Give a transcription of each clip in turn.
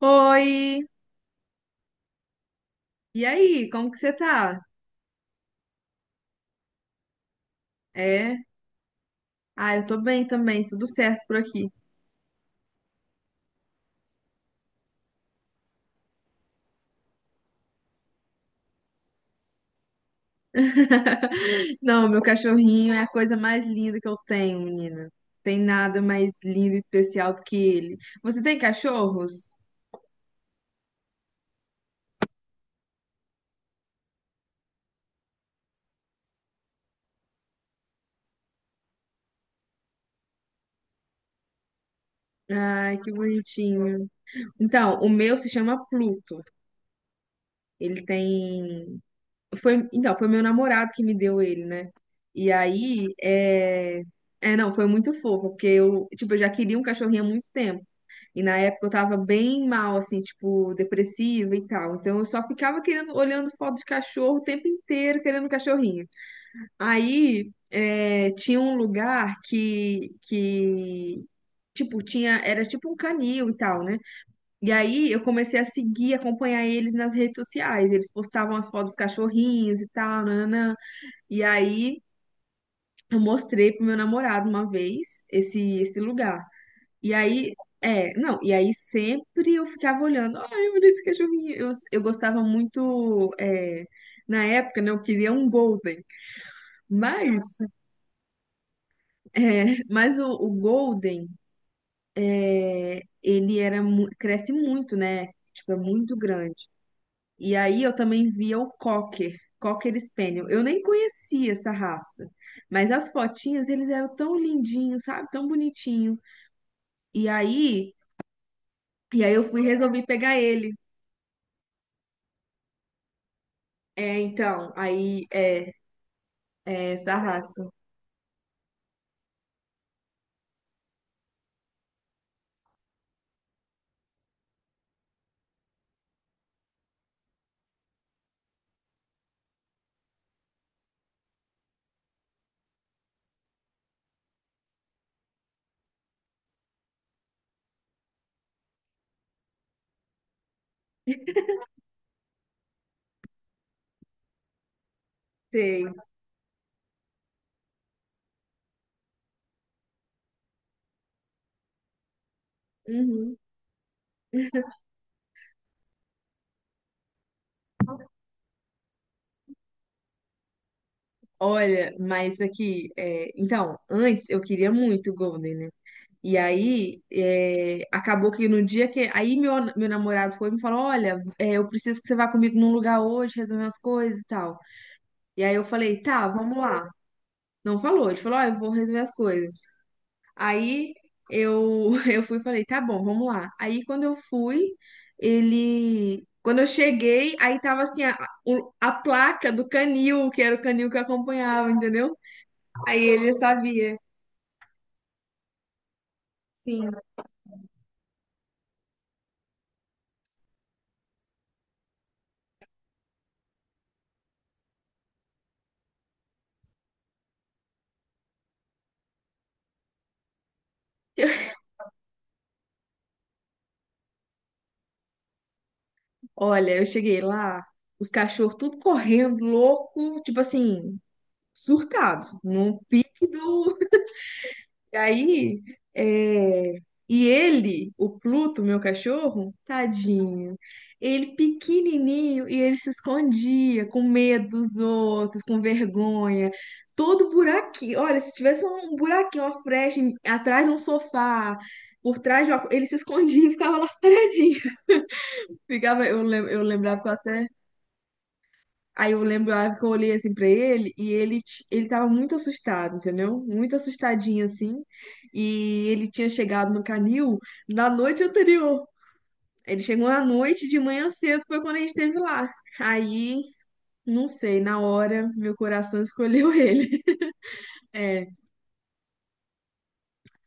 Oi! E aí, como que você tá? É? Ah, eu tô bem também, tudo certo por aqui. Não, meu cachorrinho é a coisa mais linda que eu tenho, menina. Tem nada mais lindo e especial do que ele. Você tem cachorros? Ai, que bonitinho. Então, o meu se chama Pluto. Ele tem. Foi... Então, foi meu namorado que me deu ele, né? E aí, é. É, não, foi muito fofo, porque eu, tipo, eu já queria um cachorrinho há muito tempo. E na época eu tava bem mal, assim, tipo, depressiva e tal. Então eu só ficava querendo, olhando foto de cachorro o tempo inteiro, querendo um cachorrinho. Aí é, tinha um lugar que, tipo, tinha, era tipo um canil e tal, né? E aí eu comecei a seguir, acompanhar eles nas redes sociais. Eles postavam as fotos dos cachorrinhos e tal, nananã. E aí eu mostrei pro meu namorado uma vez esse lugar. E aí, é, não, e aí sempre eu ficava olhando, ai, olha esse cachorrinho. Eu gostava muito, é, na época, né, eu queria um Golden, mas, é, mas o Golden, é, ele era, mu- cresce muito, né, tipo, é muito grande. E aí eu também via o Cocker, Cocker Spaniel. Eu nem conhecia essa raça, mas as fotinhas, eles eram tão lindinhos, sabe, tão bonitinho. E aí, e aí eu fui, e resolvi pegar ele. É, então, aí é, é essa raça. Sei. Uhum. Olha, mas aqui, é, então, antes eu queria muito Golden, né? E aí, é, acabou que no dia que. Aí meu namorado foi e me falou: Olha, é, eu preciso que você vá comigo num lugar hoje, resolver umas coisas e tal. E aí eu falei: Tá, vamos lá. Não falou, ele falou: Ó, eu vou resolver as coisas. Aí eu, eu fui e falei, tá bom, vamos lá. Aí quando eu fui, ele. Quando eu cheguei, aí tava assim, a, o- a placa do canil, que era o canil que eu acompanhava, entendeu? Aí ele sabia. Sim. Olha, eu cheguei lá, os cachorros tudo correndo, louco, tipo assim, surtado, num pique do E aí, é, e ele, o Pluto, meu cachorro, tadinho, ele pequenininho e ele se escondia com medo dos outros, com vergonha. Todo buraquinho, olha, se tivesse um buraquinho, uma frecha em- atrás de um sofá, por trás de uma... co- ele se escondia e ficava lá paradinho. Ficava, eu, lem- eu lembrava que eu até Aí eu lembro a hora que eu olhei assim pra ele e ele, t- ele tava muito assustado, entendeu? Muito assustadinho assim. E ele tinha chegado no canil na noite anterior. Ele chegou à noite, de manhã cedo foi quando a gente esteve lá. Aí, não sei, na hora meu coração escolheu ele. É,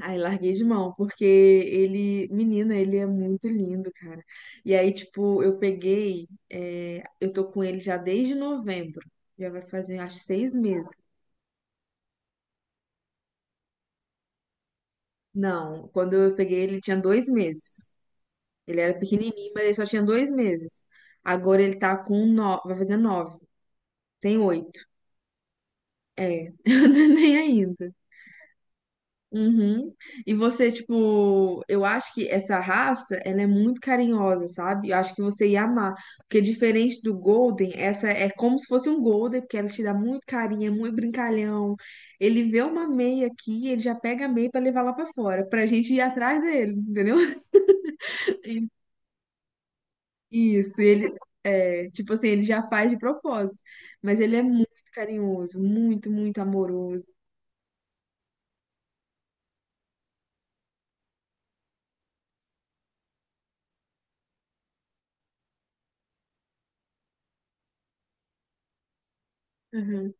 aí larguei de mão, porque ele, menina, ele é muito lindo, cara. E aí, tipo, eu peguei, é, eu tô com ele já desde novembro. Já vai fazer, acho, 6 meses. Não, quando eu peguei ele tinha 2 meses. Ele era pequenininho, mas ele só tinha 2 meses. Agora ele tá com nove, vai fazer nove. Tem oito. É, nem ainda. Uhum. E você, tipo, eu acho que essa raça, ela é muito carinhosa, sabe? Eu acho que você ia amar. Porque diferente do Golden, essa é como se fosse um Golden, porque ela te dá muito carinho, é muito brincalhão. Ele vê uma meia aqui, ele já pega a meia pra levar lá pra fora, pra gente ir atrás dele, entendeu? Isso, ele é, tipo assim, ele já faz de propósito, mas ele é muito carinhoso, muito, muito amoroso. Aham,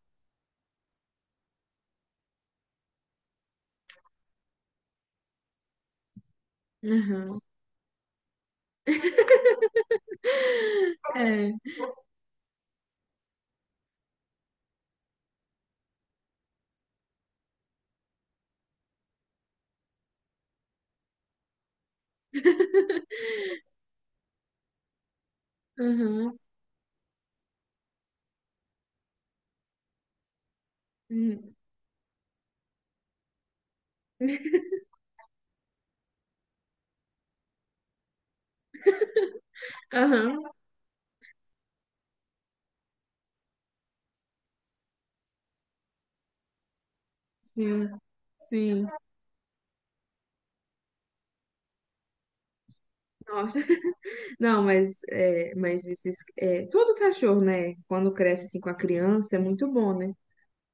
aham. É, aham. Hum, aham, sim, sim. Nossa. Não, mas, é, mas esses, é, todo cachorro, né? Quando cresce assim com a criança, é muito bom, né?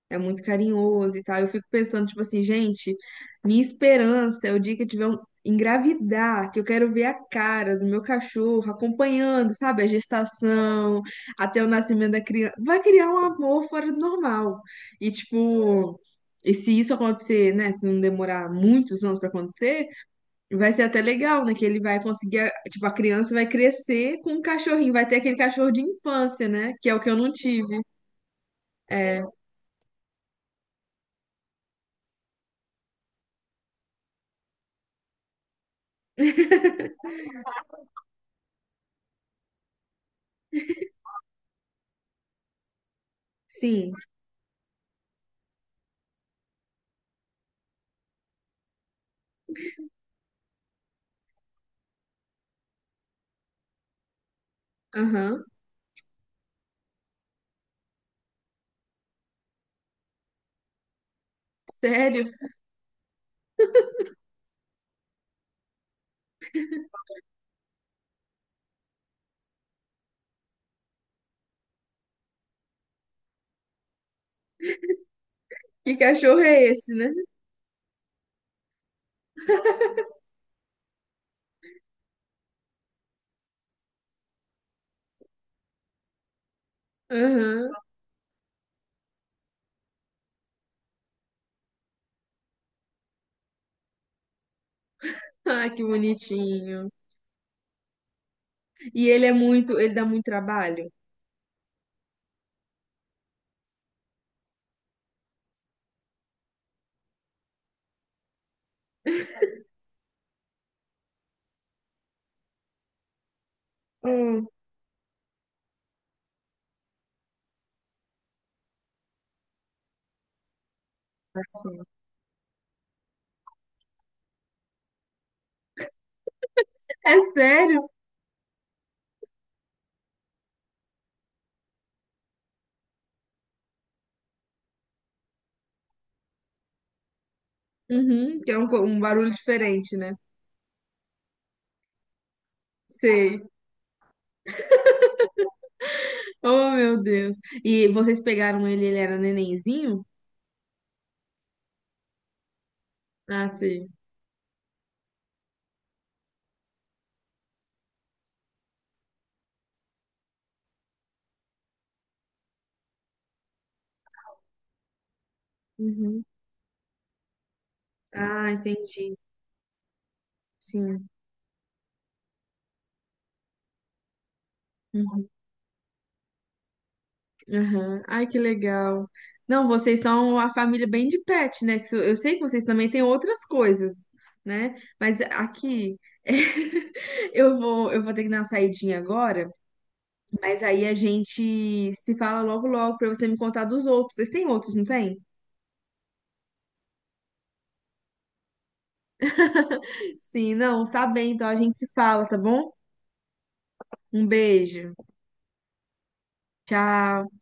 É muito carinhoso e tal. Eu fico pensando, tipo assim, gente, minha esperança é o dia que eu tiver um engravidar, que eu quero ver a cara do meu cachorro acompanhando, sabe, a gestação, até o nascimento da criança. Vai criar um amor fora do normal. E, tipo, e se isso acontecer, né, se não demorar muitos anos pra acontecer, vai ser até legal, né, que ele vai conseguir, a- tipo, a criança vai crescer com um cachorrinho, vai ter aquele cachorro de infância, né, que é o que eu não tive. É, sim, aham. Sério? Que cachorro é esse, né? Aham. Ah, que bonitinho. E ele é muito, ele dá muito trabalho? Hum, assim. É sério? Uhum, que é um, co- um barulho diferente, né? Sei. Oh, meu Deus. E vocês pegaram ele, ele era nenenzinho? Ah, sei. Uhum. Ah, entendi. Sim. Uhum. Aham. Ai, que legal. Não, vocês são uma família bem de pet, né? Que isso- Eu sei que vocês também têm outras coisas, né? Mas aqui eu vou ter que dar uma saidinha agora, mas aí a gente se fala logo logo pra você me contar dos outros. Vocês têm outros, não tem? Sim, não, tá bem, então a gente se fala, tá bom? Um beijo. Tchau.